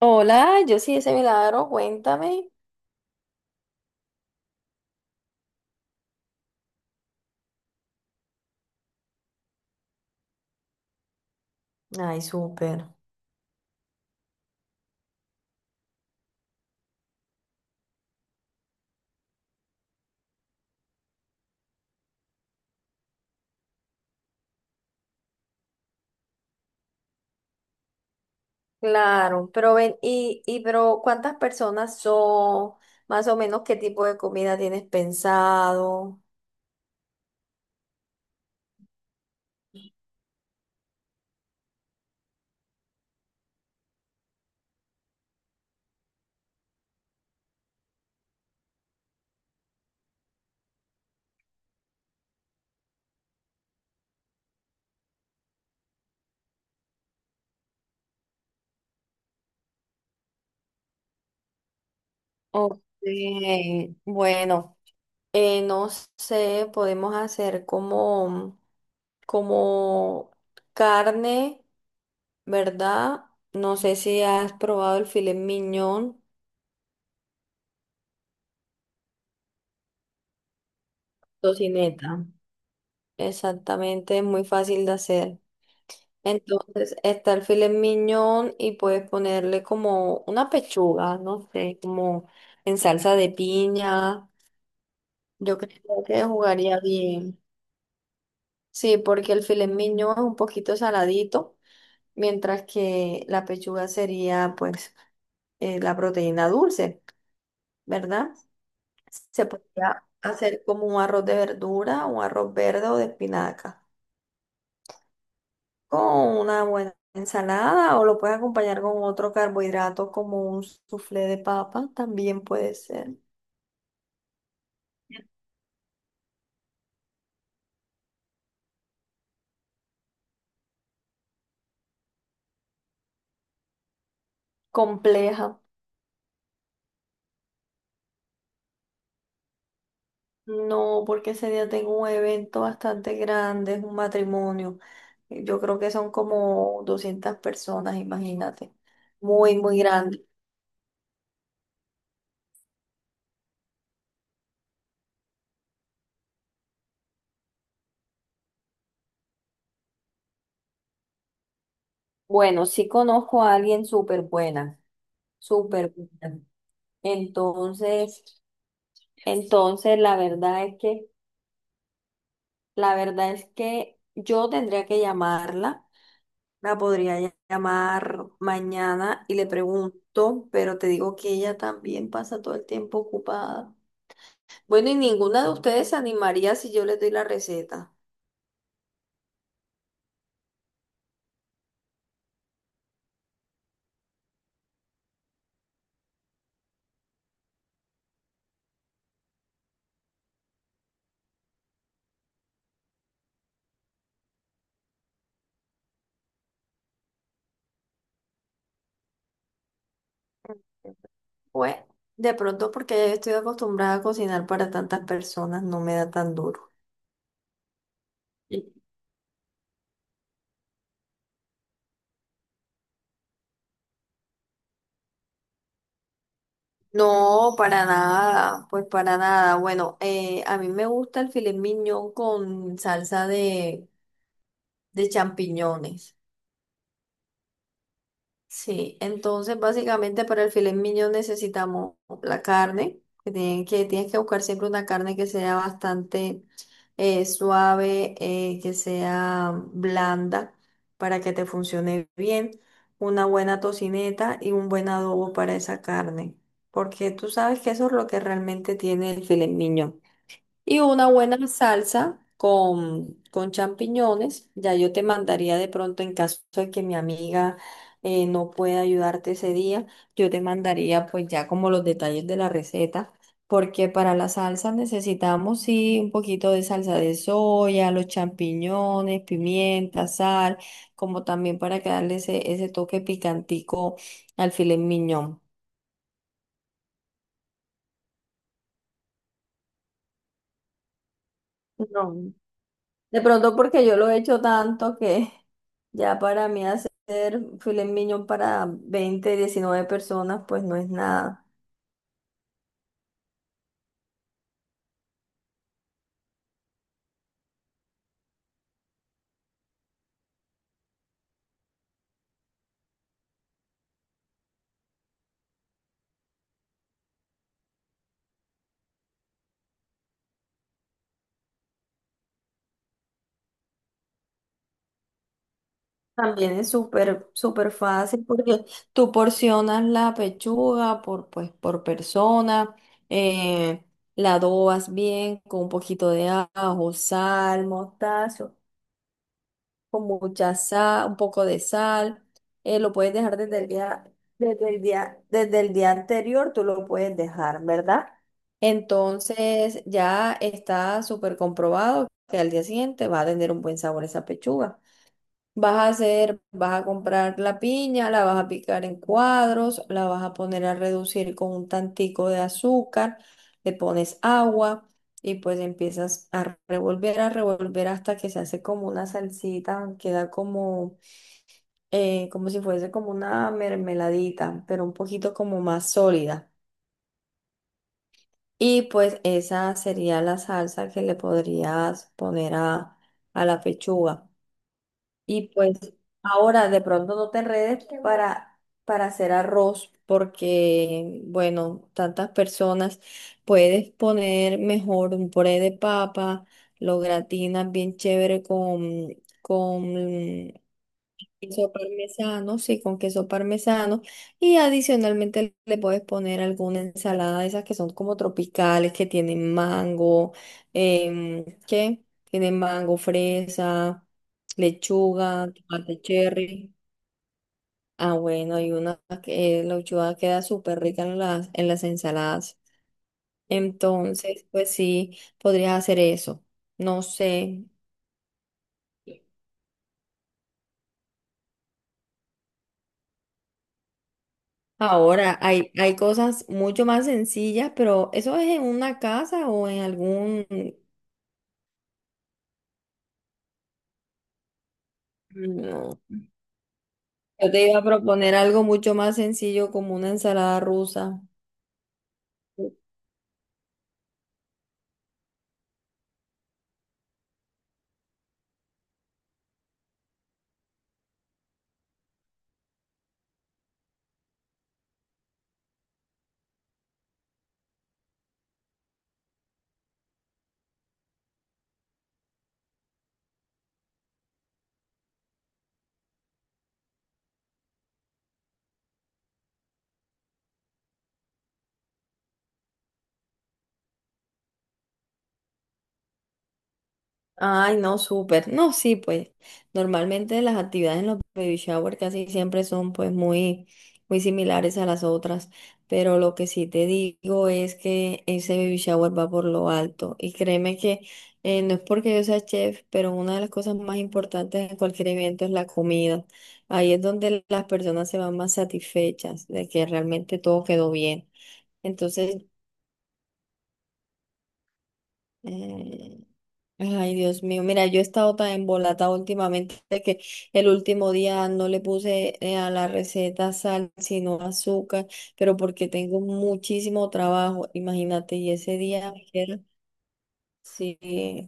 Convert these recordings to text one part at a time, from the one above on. Hola, yo sí, ese milagro, cuéntame. Ay, súper. Claro, pero ven, y pero ¿cuántas personas son? Más o menos, ¿qué tipo de comida tienes pensado? Ok, bueno, no sé, podemos hacer como carne, ¿verdad? No sé si has probado el filet mignon, tocineta. Exactamente, es muy fácil de hacer. Entonces está el filet mignon y puedes ponerle como una pechuga, no sé, como en salsa de piña. Yo creo que jugaría bien. Sí, porque el filet mignon es un poquito saladito, mientras que la pechuga sería pues la proteína dulce, ¿verdad? Se podría hacer como un arroz de verdura, un arroz verde o de espinaca. Con una buena ensalada o lo puedes acompañar con otro carbohidrato como un soufflé de papa, también puede ser compleja. No, porque ese día tengo un evento bastante grande, es un matrimonio. Yo creo que son como 200 personas, imagínate. Muy, muy grande. Bueno, sí conozco a alguien súper buena, súper buena. Entonces, entonces la verdad es que yo tendría que llamarla. La podría llamar mañana y le pregunto, pero te digo que ella también pasa todo el tiempo ocupada. Bueno, y ninguna de ustedes se animaría si yo les doy la receta. Pues, de pronto porque ya yo estoy acostumbrada a cocinar para tantas personas, no me da tan duro. Sí. No, para nada, pues para nada. Bueno, a mí me gusta el filet mignon con salsa de champiñones. Sí, entonces básicamente para el filet mignon necesitamos la carne, que tienes que buscar siempre una carne que sea bastante suave, que sea blanda para que te funcione bien, una buena tocineta y un buen adobo para esa carne, porque tú sabes que eso es lo que realmente tiene el filet mignon. Y una buena salsa con champiñones. Ya yo te mandaría de pronto en caso de que mi amiga no pueda ayudarte ese día, yo te mandaría pues ya como los detalles de la receta, porque para la salsa necesitamos sí un poquito de salsa de soya, los champiñones, pimienta, sal, como también para que darle ese toque picantico al filet miñón. No. De pronto porque yo lo he hecho tanto que ya para mí hacer filet mignon para 20 19 personas pues no es nada. También es súper, súper fácil porque tú porcionas la pechuga por, pues, por persona, eh, la adobas bien con un poquito de ajo, sal, mostazo. Con mucha sal, un poco de sal. Lo puedes dejar desde el día, desde el día anterior, tú lo puedes dejar, ¿verdad? Entonces ya está súper comprobado que al día siguiente va a tener un buen sabor esa pechuga. Vas a hacer, vas a comprar la piña, la vas a picar en cuadros, la vas a poner a reducir con un tantico de azúcar, le pones agua y pues empiezas a revolver hasta que se hace como una salsita, queda como, como si fuese como una mermeladita, pero un poquito como más sólida. Y pues esa sería la salsa que le podrías poner a la pechuga. Y pues ahora de pronto no te enredes para hacer arroz porque, bueno, tantas personas, puedes poner mejor un puré de papa, lo gratinas bien chévere con queso parmesano, sí, con queso parmesano. Y adicionalmente le puedes poner alguna ensalada de esas que son como tropicales, que tienen mango, em, ¿qué? Tienen mango, fresa, lechuga, tomate cherry. Ah, bueno, y una que la lechuga queda súper rica en las ensaladas. Entonces, pues sí, podrías hacer eso. No sé. Ahora hay cosas mucho más sencillas, pero ¿eso es en una casa o en algún... No. Yo te iba a proponer algo mucho más sencillo como una ensalada rusa. Ay, no, súper. No, sí, pues normalmente las actividades en los baby shower casi siempre son pues muy, muy similares a las otras, pero lo que sí te digo es que ese baby shower va por lo alto y créeme que no es porque yo sea chef, pero una de las cosas más importantes en cualquier evento es la comida. Ahí es donde las personas se van más satisfechas de que realmente todo quedó bien. Entonces Mm. Ay, Dios mío, mira, yo he estado tan embolatada últimamente que el último día no le puse a la receta sal, sino azúcar, pero porque tengo muchísimo trabajo, imagínate, y ese día me queda, sí,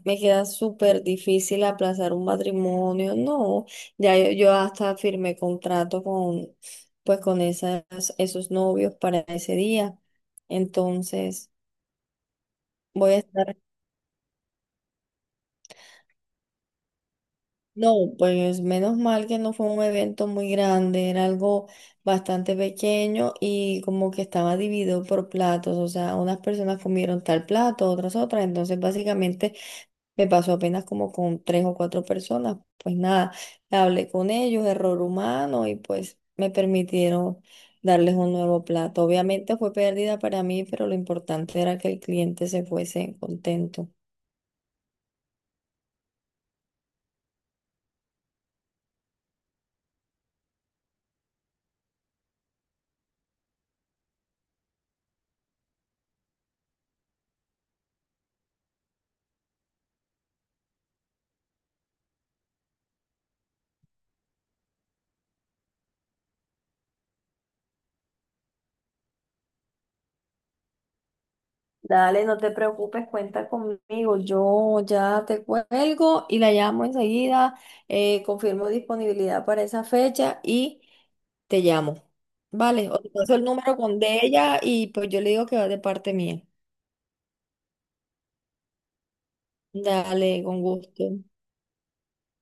me queda súper difícil aplazar un matrimonio, no, ya yo hasta firmé contrato con, pues con esas, esos novios para ese día, entonces voy a estar... No, pues menos mal que no fue un evento muy grande, era algo bastante pequeño y como que estaba dividido por platos, o sea, unas personas comieron tal plato, otras otras, entonces básicamente me pasó apenas como con tres o cuatro personas, pues nada, hablé con ellos, error humano y pues me permitieron darles un nuevo plato. Obviamente fue pérdida para mí, pero lo importante era que el cliente se fuese contento. Dale, no te preocupes, cuenta conmigo. Yo ya te cuelgo y la llamo enseguida. Confirmo disponibilidad para esa fecha y te llamo. Vale, o te paso el número con de ella y pues yo le digo que va de parte mía. Dale, con gusto.